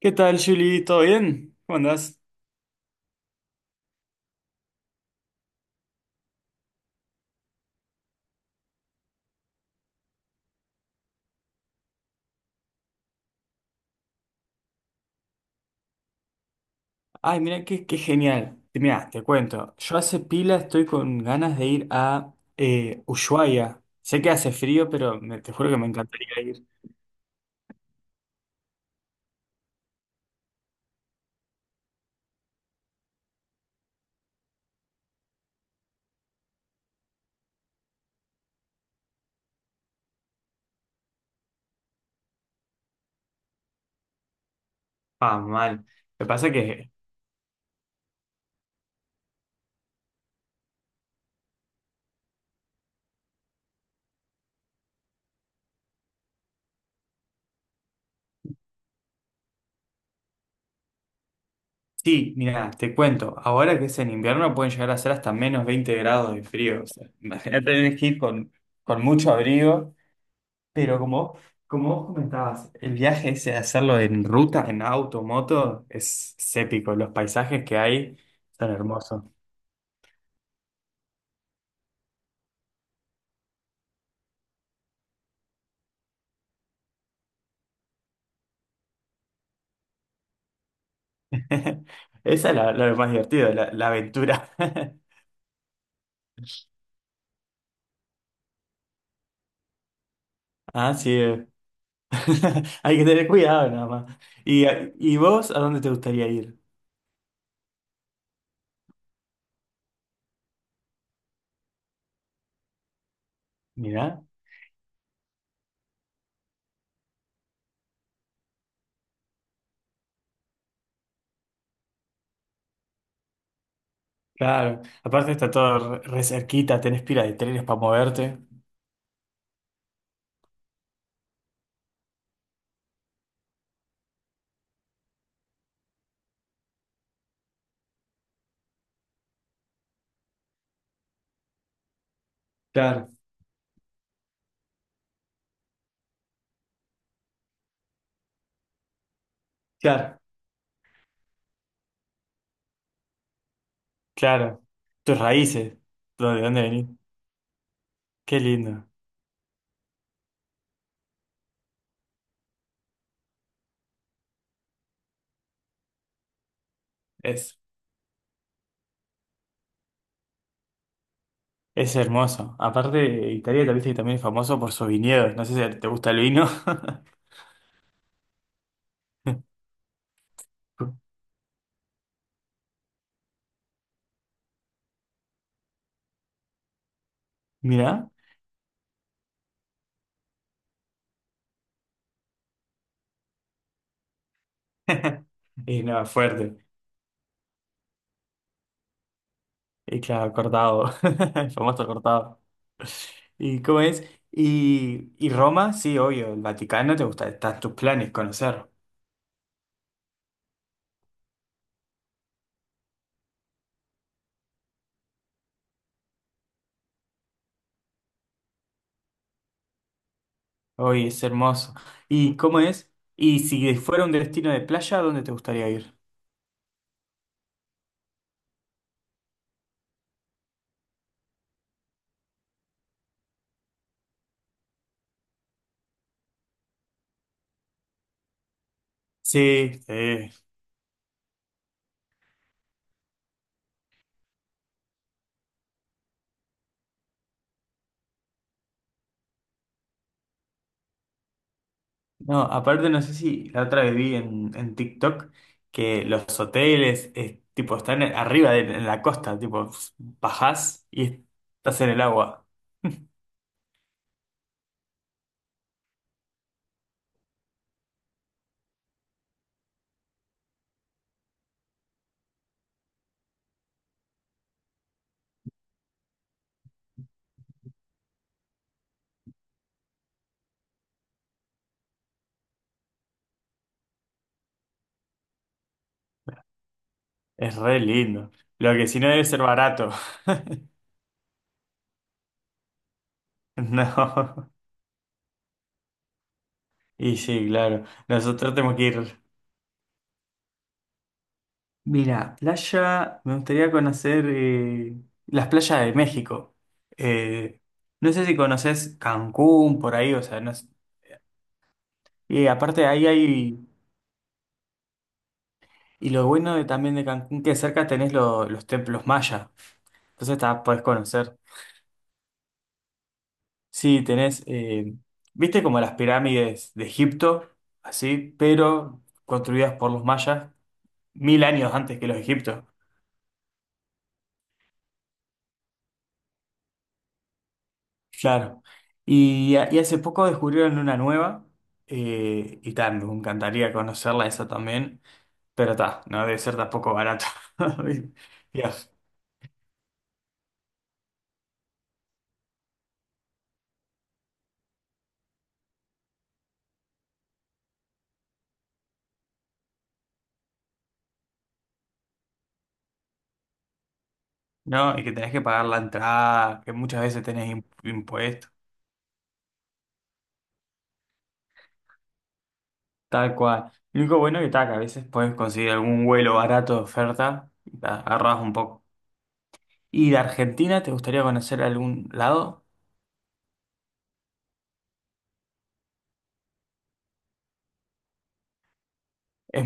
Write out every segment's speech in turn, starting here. ¿Qué tal, Julie? ¿Todo bien? ¿Cómo andás? Ay, mira, qué genial. Mira, te cuento. Yo hace pila estoy con ganas de ir a Ushuaia. Sé que hace frío, pero te juro que me encantaría ir. Ah, mal. Lo que pasa que sí, mira, te cuento. Ahora que es en invierno pueden llegar a ser hasta -20 grados de frío. O sea, imagínate tener que ir con mucho abrigo. Pero como, como vos comentabas, el viaje ese de hacerlo en ruta, en auto, moto, es épico. Los paisajes que hay son hermosos. Esa es la, lo más divertido, la aventura. Ah, sí. Hay que tener cuidado nada más. ¿Y, y vos a dónde te gustaría ir? Mirá. Claro. Aparte está todo re, re cerquita, tenés pila de trenes para moverte. Claro, claro, claro. Tus raíces, ¿de dónde venís? Qué lindo. Es Es hermoso. Aparte, Italia tal vez que también es famoso por sus viñedos. No sé si te gusta el vino. Mirá. Y no, fuerte. Y claro, cortado. El famoso cortado. ¿Y cómo es? Y Roma, sí, obvio. El Vaticano te gusta. Están tus planes conocer. Hoy es hermoso. ¿Y cómo es? Y si fuera un destino de playa, ¿a dónde te gustaría ir? Sí, sí. No, aparte no sé si la otra vez vi en TikTok que los hoteles tipo están arriba de, en la costa, tipo bajás y estás en el agua. Es re lindo. Lo que si no debe ser barato. No. Y sí, claro. Nosotros tenemos que ir. Mira, playa, me gustaría conocer las playas de México. Eh, no sé si conoces Cancún por ahí, o sea, no sé. Y aparte ahí hay. Y lo bueno de, también de Cancún, que cerca tenés los templos mayas. Entonces tá, podés conocer. Sí, tenés, viste como las pirámides de Egipto, así, pero construidas por los mayas 1000 años antes que los egipcios. Claro. Y, y hace poco descubrieron una nueva, y tal, me encantaría conocerla esa también, pero está, no debe ser tampoco barato. Dios, ¿no? Y que tenés que pagar la entrada, que muchas veces tenés impuestos. Tal cual. Lo único bueno que tal, que a veces puedes conseguir algún vuelo barato de oferta, agarras un poco. ¿Y de Argentina te gustaría conocer algún lado? Es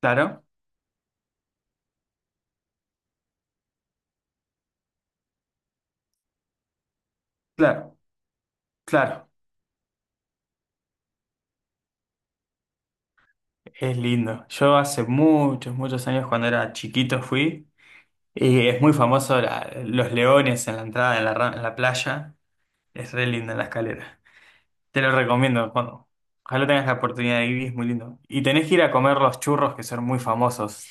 claro, claro, claro. Es lindo. Yo hace muchos, muchos años cuando era chiquito fui y es muy famoso los leones en la entrada, en la, en la playa. Es re linda la escalera. Te lo recomiendo cuando. Ojalá tengas la oportunidad de ir, es muy lindo. Y tenés que ir a comer los churros que son muy famosos.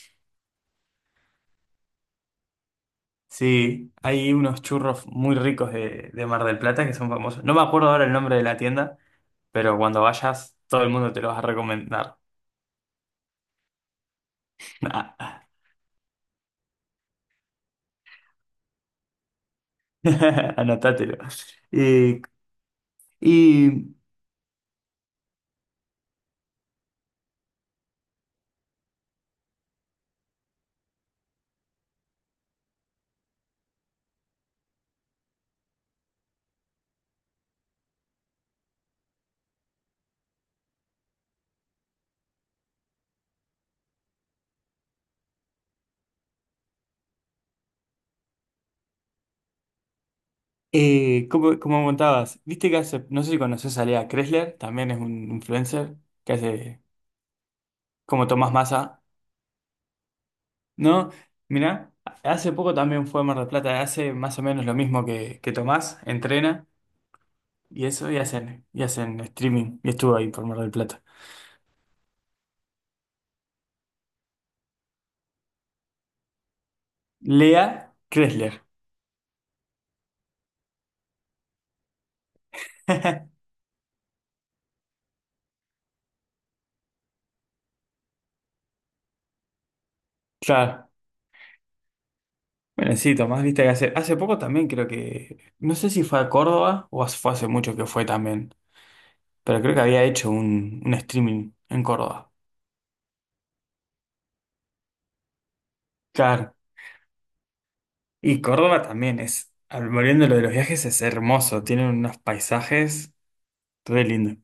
Sí, hay unos churros muy ricos de Mar del Plata que son famosos. No me acuerdo ahora el nombre de la tienda, pero cuando vayas, todo el mundo te lo va a recomendar. Ah, anotátelo. Eh, y como, como contabas, viste que hace, no sé si conoces a Lea Kressler, también es un influencer que hace como Tomás Massa, ¿no? Mirá, hace poco también fue a Mar del Plata, hace más o menos lo mismo que Tomás, entrena. Y eso, y hacen streaming. Y estuvo ahí por Mar del Plata. Lea Kressler. Claro. Bueno, sí, Tomás, viste que hace, hace poco también creo que, no sé si fue a Córdoba o fue hace mucho que fue también, pero creo que había hecho un streaming en Córdoba. Claro. Y Córdoba también es, volviendo a lo de los viajes, es hermoso. Tienen unos paisajes re lindos.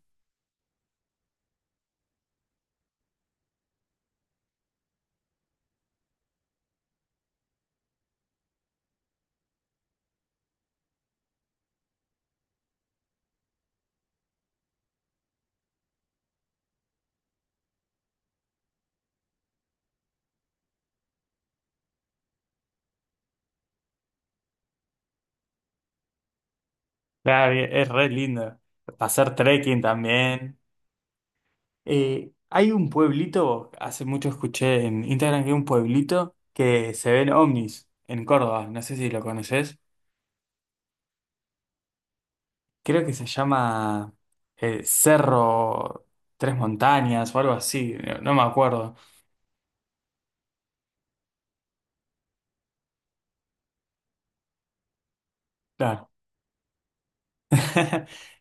Claro, y es re lindo. Pasar trekking también. Hay un pueblito, hace mucho escuché en Instagram que hay un pueblito que se ven ovnis en Córdoba, no sé si lo conoces, creo que se llama Cerro Tres Montañas o algo así, no, no me acuerdo. Claro.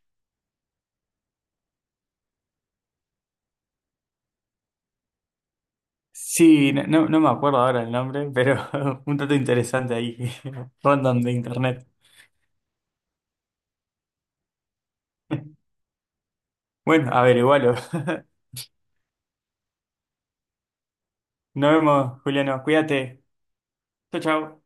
Sí, no, no me acuerdo ahora el nombre, pero un dato interesante ahí, random de internet. Bueno, averigualo. Nos vemos, Juliano, cuídate. Chau, chau.